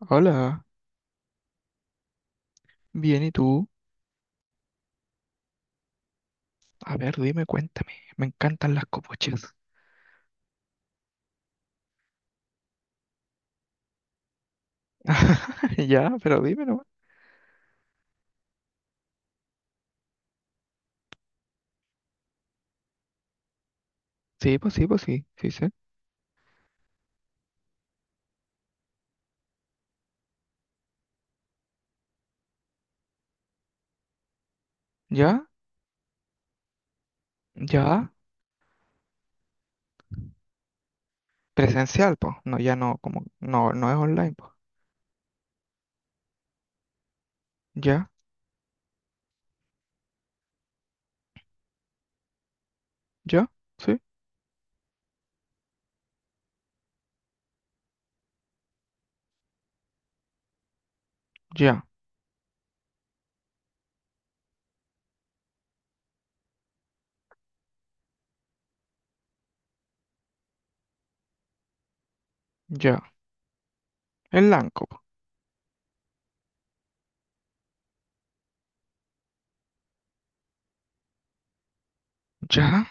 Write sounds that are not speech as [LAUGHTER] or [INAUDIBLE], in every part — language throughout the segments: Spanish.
Hola, bien, ¿y tú? A ver, dime, cuéntame. Me encantan las copuchas. [LAUGHS] Ya, pero dime no. Sí, pues sí, pues sí, sí sé. Ya, ya. Presencial, pues. No, ya no, como, no, no es online, pues. Ya, ya, sí, ya, ya. El Lanco, po. Ya,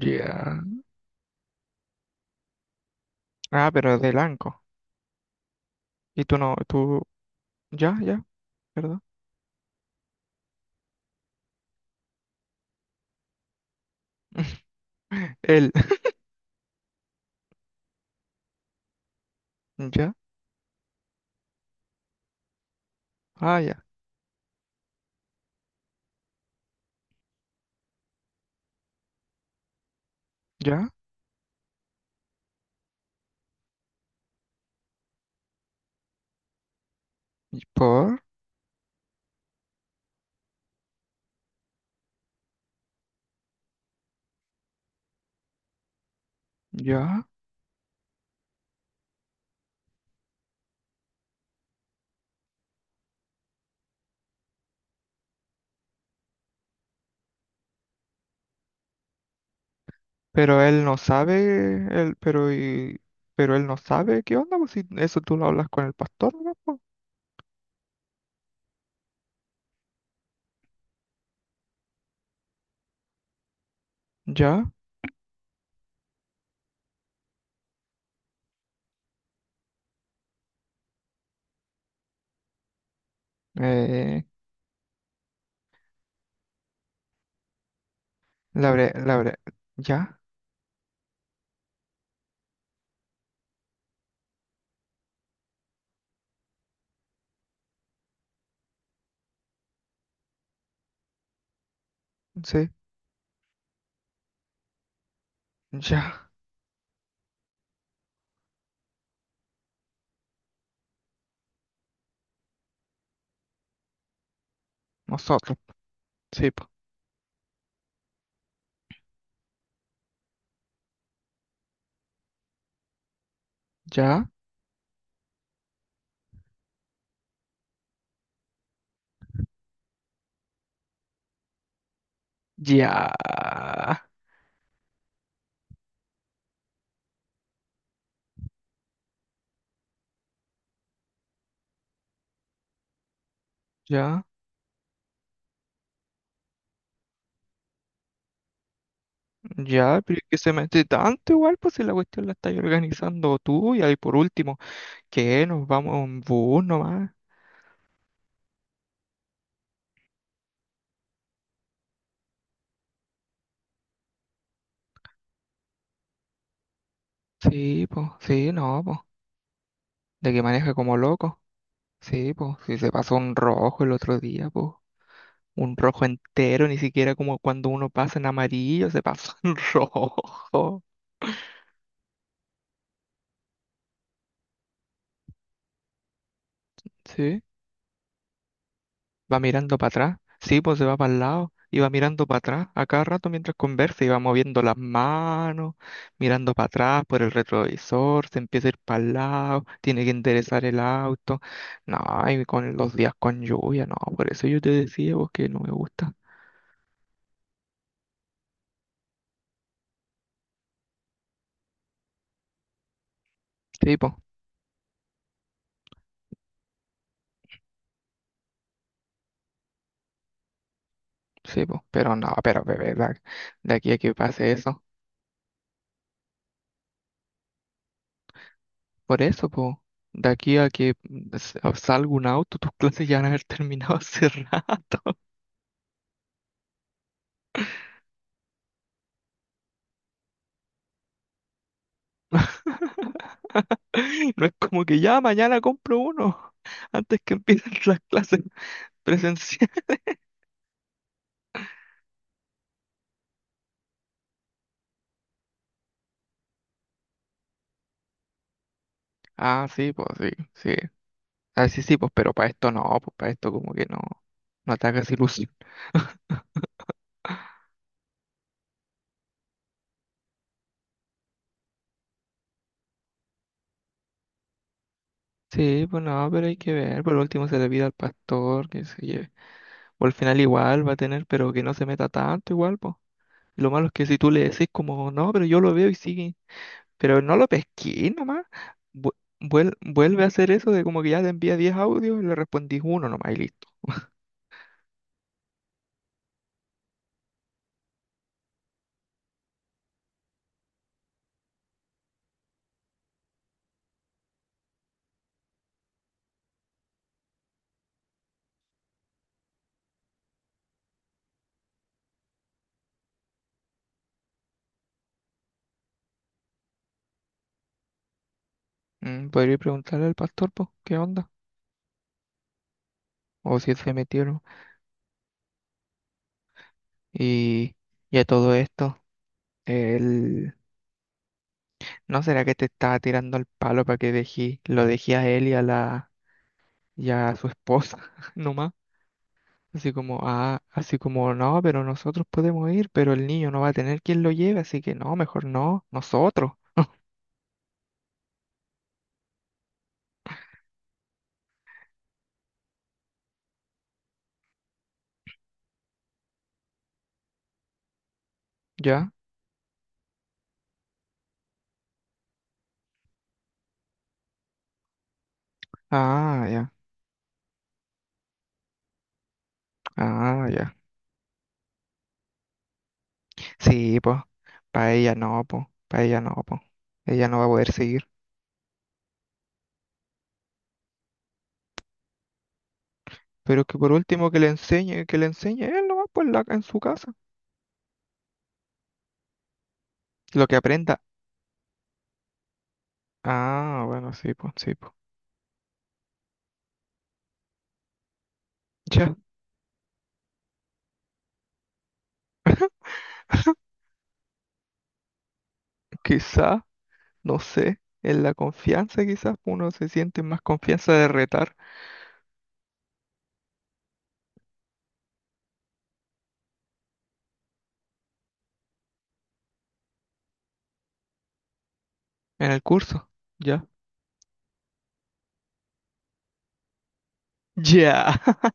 ya. Ah, pero es de Lanco. Y tú no, tú, ya, ya, ¿verdad? [LAUGHS] El, [LAUGHS] ya, ah, ya, ya. ¿Y por? Ya. Pero él no sabe, él, pero y, pero él no sabe qué onda, pues si eso tú lo hablas con el pastor, ¿no? Pues, ya, eh, la bre- ya, sí, ya, nosotros, sí, pues, ya, ya, ya, ya, pero es que se mete tanto igual, pues si la cuestión la estás organizando tú, y ahí por último, que nos vamos en bus nomás, sí, pues, sí, no, pues, de que maneja como loco, sí, pues, si se pasó un rojo el otro día, pues. Un rojo entero, ni siquiera como cuando uno pasa en amarillo, se pasa en [LAUGHS] rojo. ¿Sí? Va mirando para atrás. Sí, pues se va para el lado y va mirando para atrás a cada rato mientras conversa y va moviendo las manos, mirando para atrás por el retrovisor, se empieza a ir para el lado, tiene que enderezar el auto. No, y con los días con lluvia, no, por eso yo te decía vos que no me gusta. Sí, pues, sí, pues, pero no, pero de verdad, de aquí a que pase eso. Por eso, po. De aquí a que salga un auto, tus [LAUGHS] clases ya van a haber terminado hace rato. [LAUGHS] No es como que ya mañana compro uno antes que empiecen las clases presenciales. [LAUGHS] Ah, sí, pues sí, sí. Ah, sí, sí, pues pero para esto no, pues para esto como que no, no atacas ilusión. Sí, pues no, pero hay que ver. Por último se le pide al pastor que se lleve. O al final igual va a tener, pero que no se meta tanto igual, pues. Lo malo es que si tú le decís como, no, pero yo lo veo y sigue. Pero no lo pesqué nomás. Vu- Vuelve a hacer eso de como que ya te envía 10 audios y le respondís uno nomás y listo. Mm, podría preguntarle al pastor, pues, ¿qué onda? O si se metieron. Y, y a todo esto, él, ¿no será que te estaba tirando el palo para que dejé, lo dejé a él y a la, y a su esposa [LAUGHS] nomás? Así como, ah, así como, no, pero nosotros podemos ir, pero el niño no va a tener quien lo lleve, así que no, mejor no, nosotros, ¿ya? Ah, ya, ah, ya. Sí, pues, para ella no, pues, para ella no, pues, ella no va a poder seguir. Pero que por último que le enseñe él nomás, pues, la- en su casa, lo que aprenda. Ah, bueno, sí, pues, sí, pues. Ya, [LAUGHS] quizá, no sé, en la confianza quizás uno se siente más confianza de retar en el curso. Ya. Ya, [LAUGHS]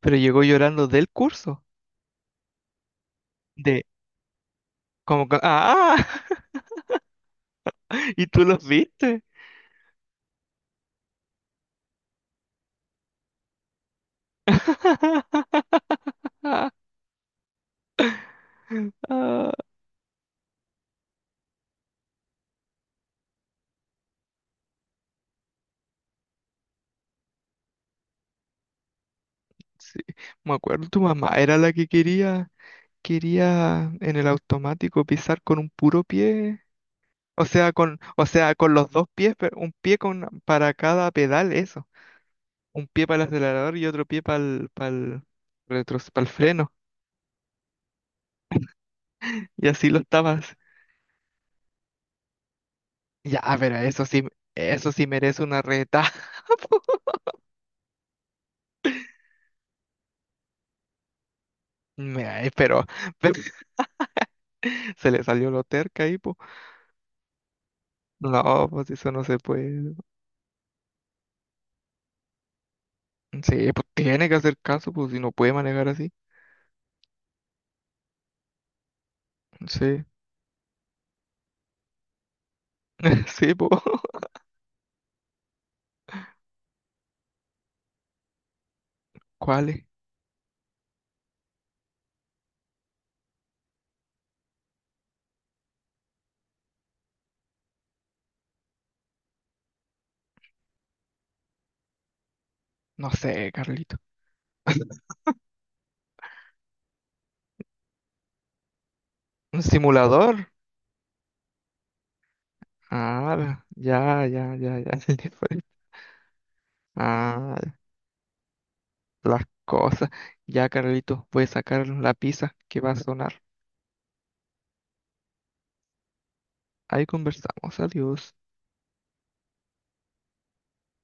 pero llegó llorando del curso, de, como, que- ah, [LAUGHS] y tú los viste. [LAUGHS] Sí, me acuerdo, tu mamá era la que quería. Quería en el automático pisar con un puro pie, o sea, con los dos pies, pero un pie con, para cada pedal, eso. Un pie para el acelerador y otro pie para el retro, para el freno. Y así lo estabas. Ya, pero eso sí merece una reta. [LAUGHS] Mira, pero [LAUGHS] se le salió lo terca ahí, pues. No, pues eso no se puede. Sí, pues tiene que hacer caso, pues si no puede manejar así. Sí, [LAUGHS] sí, pues. ¿Cuáles? No sé, Carlitos. ¿Un simulador? Ah, ya, ya, ya, ya. [LAUGHS] Ah, las cosas. Ya, Carlitos, voy a sacar la pizza que va a sonar. Ahí conversamos. Adiós.